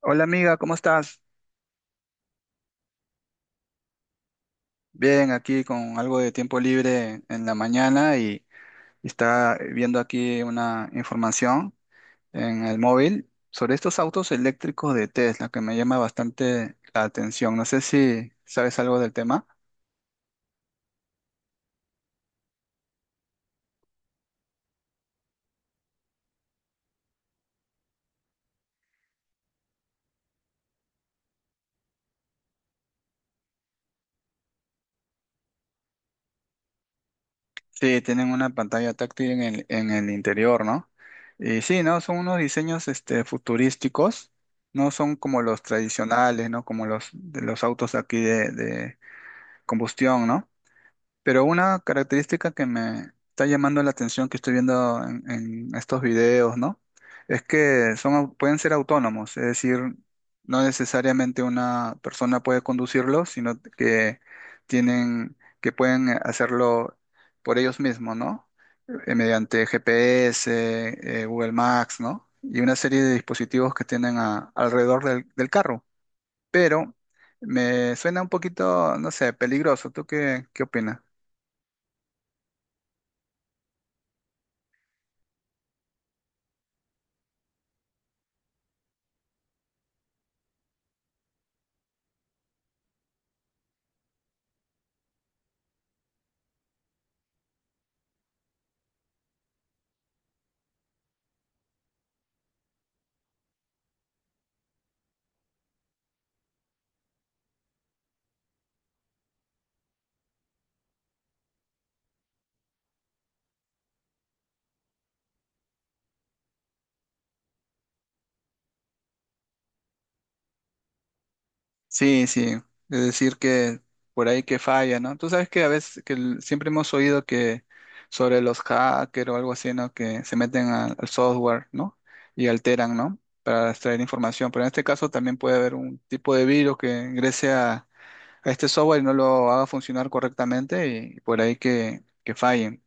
Hola amiga, ¿cómo estás? Bien, aquí con algo de tiempo libre en la mañana y está viendo aquí una información en el móvil sobre estos autos eléctricos de Tesla que me llama bastante la atención. No sé si sabes algo del tema. Sí, tienen una pantalla táctil en el interior, ¿no? Y sí, ¿no? Son unos diseños futurísticos, no son como los tradicionales, ¿no? Como los de los autos aquí de combustión, ¿no? Pero una característica que me está llamando la atención que estoy viendo en estos videos, ¿no? Es que son, pueden ser autónomos, es decir, no necesariamente una persona puede conducirlos, sino que tienen, que pueden hacerlo por ellos mismos, ¿no? Mediante GPS, Google Maps, ¿no? Y una serie de dispositivos que tienen alrededor del carro. Pero me suena un poquito, no sé, peligroso. ¿Tú qué opinas? Sí, sí, es decir que por ahí que falla, ¿no? Tú sabes que a veces que siempre hemos oído que sobre los hackers o algo así, ¿no? Que se meten al software, ¿no? Y alteran, ¿no? Para extraer información. Pero en este caso también puede haber un tipo de virus que ingrese a este software y no lo haga funcionar correctamente y por ahí que fallen.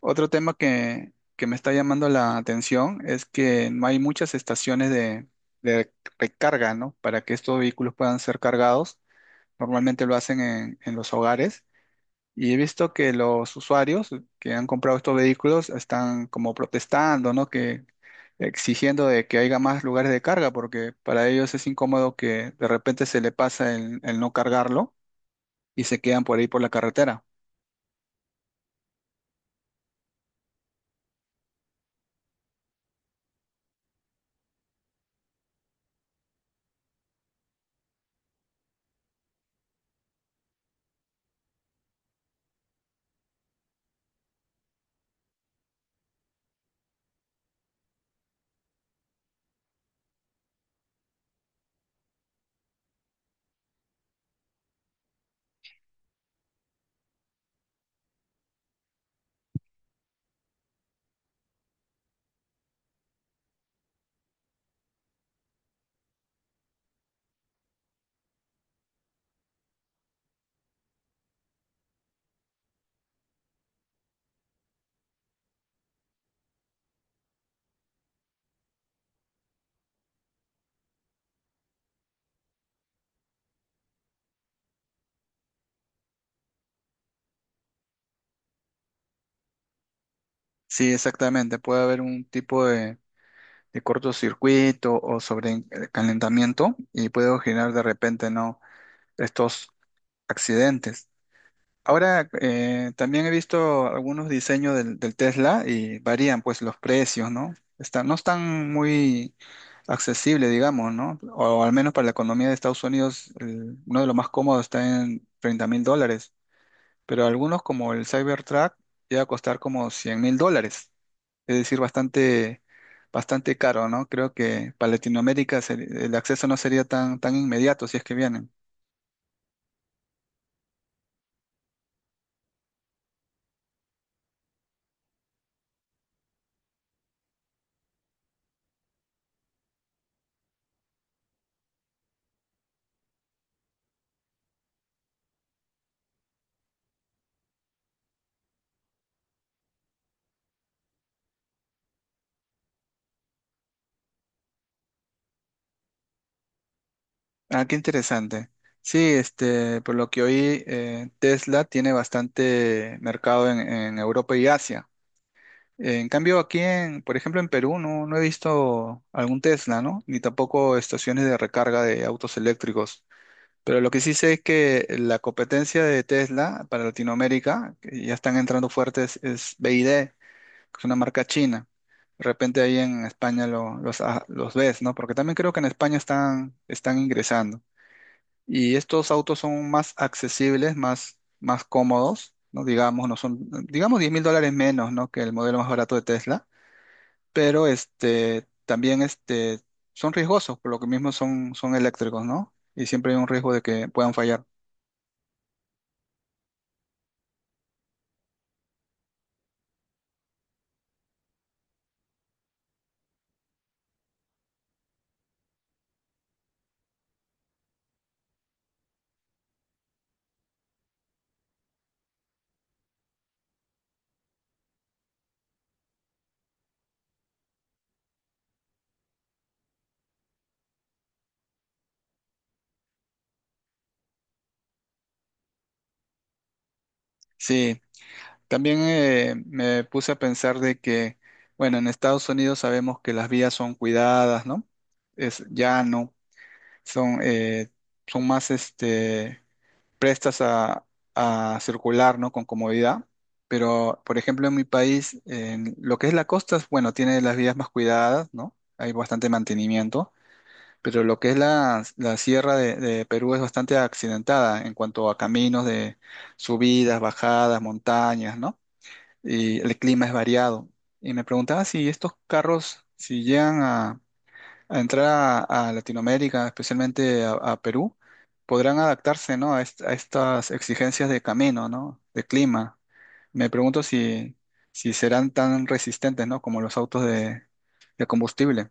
Otro tema que me está llamando la atención es que no hay muchas estaciones de recarga, ¿no? Para que estos vehículos puedan ser cargados. Normalmente lo hacen en los hogares. Y he visto que los usuarios que han comprado estos vehículos están como protestando, ¿no? Que exigiendo de que haya más lugares de carga, porque para ellos es incómodo que de repente se le pasa el no cargarlo y se quedan por ahí por la carretera. Sí, exactamente. Puede haber un tipo de cortocircuito o sobrecalentamiento y puede generar de repente, ¿no? Estos accidentes. Ahora también he visto algunos diseños del Tesla y varían pues los precios, ¿no? Están, no están muy accesibles, digamos, ¿no? O al menos para la economía de Estados Unidos, uno de los más cómodos está en $30,000, pero algunos como el Cybertruck llega a costar como $100,000, es decir, bastante, bastante caro, ¿no? Creo que para Latinoamérica el acceso no sería tan, tan inmediato si es que vienen. Ah, qué interesante. Sí, este, por lo que oí, Tesla tiene bastante mercado en Europa y Asia. En cambio, aquí en, por ejemplo, en Perú no, no he visto algún Tesla, ¿no? Ni tampoco estaciones de recarga de autos eléctricos. Pero lo que sí sé es que la competencia de Tesla para Latinoamérica, que ya están entrando fuertes, es BYD, que es una marca china. De repente ahí en España los, ah, los ves, ¿no? Porque también creo que en España están, están ingresando. Y estos autos son más accesibles, más, más cómodos, ¿no? Digamos, no son, digamos $10,000 menos, ¿no?, que el modelo más barato de Tesla, pero son riesgosos, por lo que mismo son, son eléctricos, ¿no? Y siempre hay un riesgo de que puedan fallar. Sí, también me puse a pensar de que, bueno, en Estados Unidos sabemos que las vías son cuidadas, ¿no? Es llano, son, son más prestas a circular, ¿no? Con comodidad. Pero, por ejemplo, en mi país, en lo que es la costa, bueno, tiene las vías más cuidadas, ¿no? Hay bastante mantenimiento, pero lo que es la sierra de Perú es bastante accidentada en cuanto a caminos de subidas, bajadas, montañas, ¿no? Y el clima es variado. Y me preguntaba si estos carros, si llegan a entrar a Latinoamérica, especialmente a Perú, podrán adaptarse, ¿no?, a, a estas exigencias de camino, ¿no? De clima. Me pregunto si, si serán tan resistentes, ¿no? Como los autos de combustible.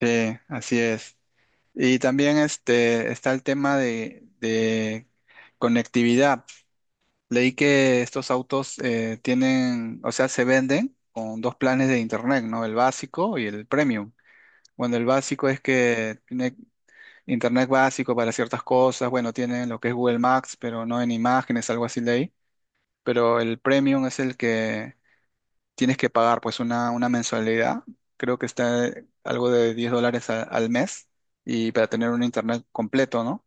Sí, así es. Y también este, está el tema de conectividad. Leí que estos autos tienen, o sea, se venden con dos planes de internet, ¿no? El básico y el premium. Bueno, el básico es que tiene internet básico para ciertas cosas. Bueno, tienen lo que es Google Maps, pero no en imágenes, algo así leí. Pero el premium es el que tienes que pagar, pues una mensualidad. Creo que está algo de $10 al mes y para tener un internet completo, ¿no?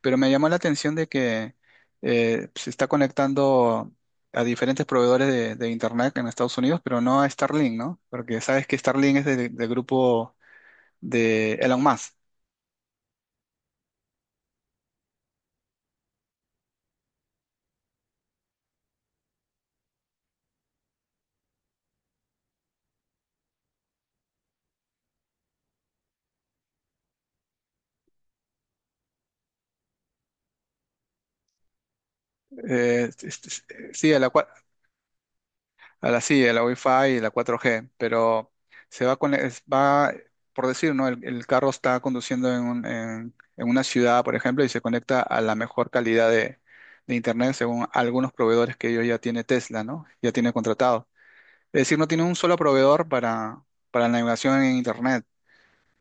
Pero me llamó la atención de que se está conectando a diferentes proveedores de internet en Estados Unidos, pero no a Starlink, ¿no? Porque sabes que Starlink es del grupo de Elon Musk. Eh, es- es- sí, a la, cual a la sí, a la Wi-Fi y la 4G, pero se va con, va, por decir, ¿no? El carro está conduciendo en, en una ciudad, por ejemplo, y se conecta a la mejor calidad de internet según algunos proveedores que ellos ya tiene Tesla, ¿no? Ya tiene contratado. Es decir, no tiene un solo proveedor para la navegación en internet.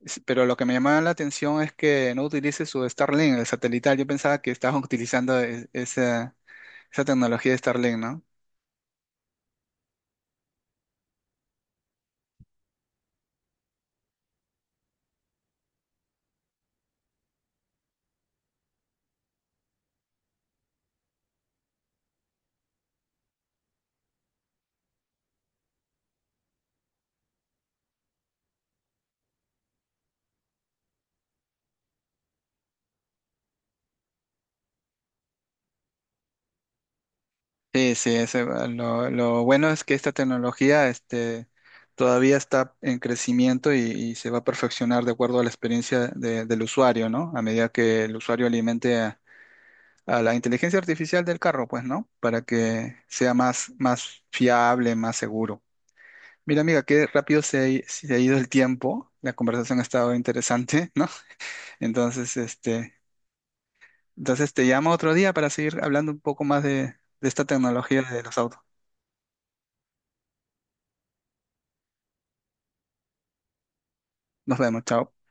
Pero lo que me llamaba la atención es que no utilice su Starlink, el satelital. Yo pensaba que estaban utilizando esa, esa tecnología de Starlink, no. Sí, sí, ese lo bueno es que esta tecnología este, todavía está en crecimiento y se va a perfeccionar de acuerdo a la experiencia del usuario, ¿no? A medida que el usuario alimente a la inteligencia artificial del carro, pues, ¿no? Para que sea más, más fiable, más seguro. Mira, amiga, qué rápido se ha, se ha ido el tiempo. La conversación ha estado interesante, ¿no? Entonces, entonces te llamo otro día para seguir hablando un poco más de esta tecnología de los autos. Nos vemos, chao.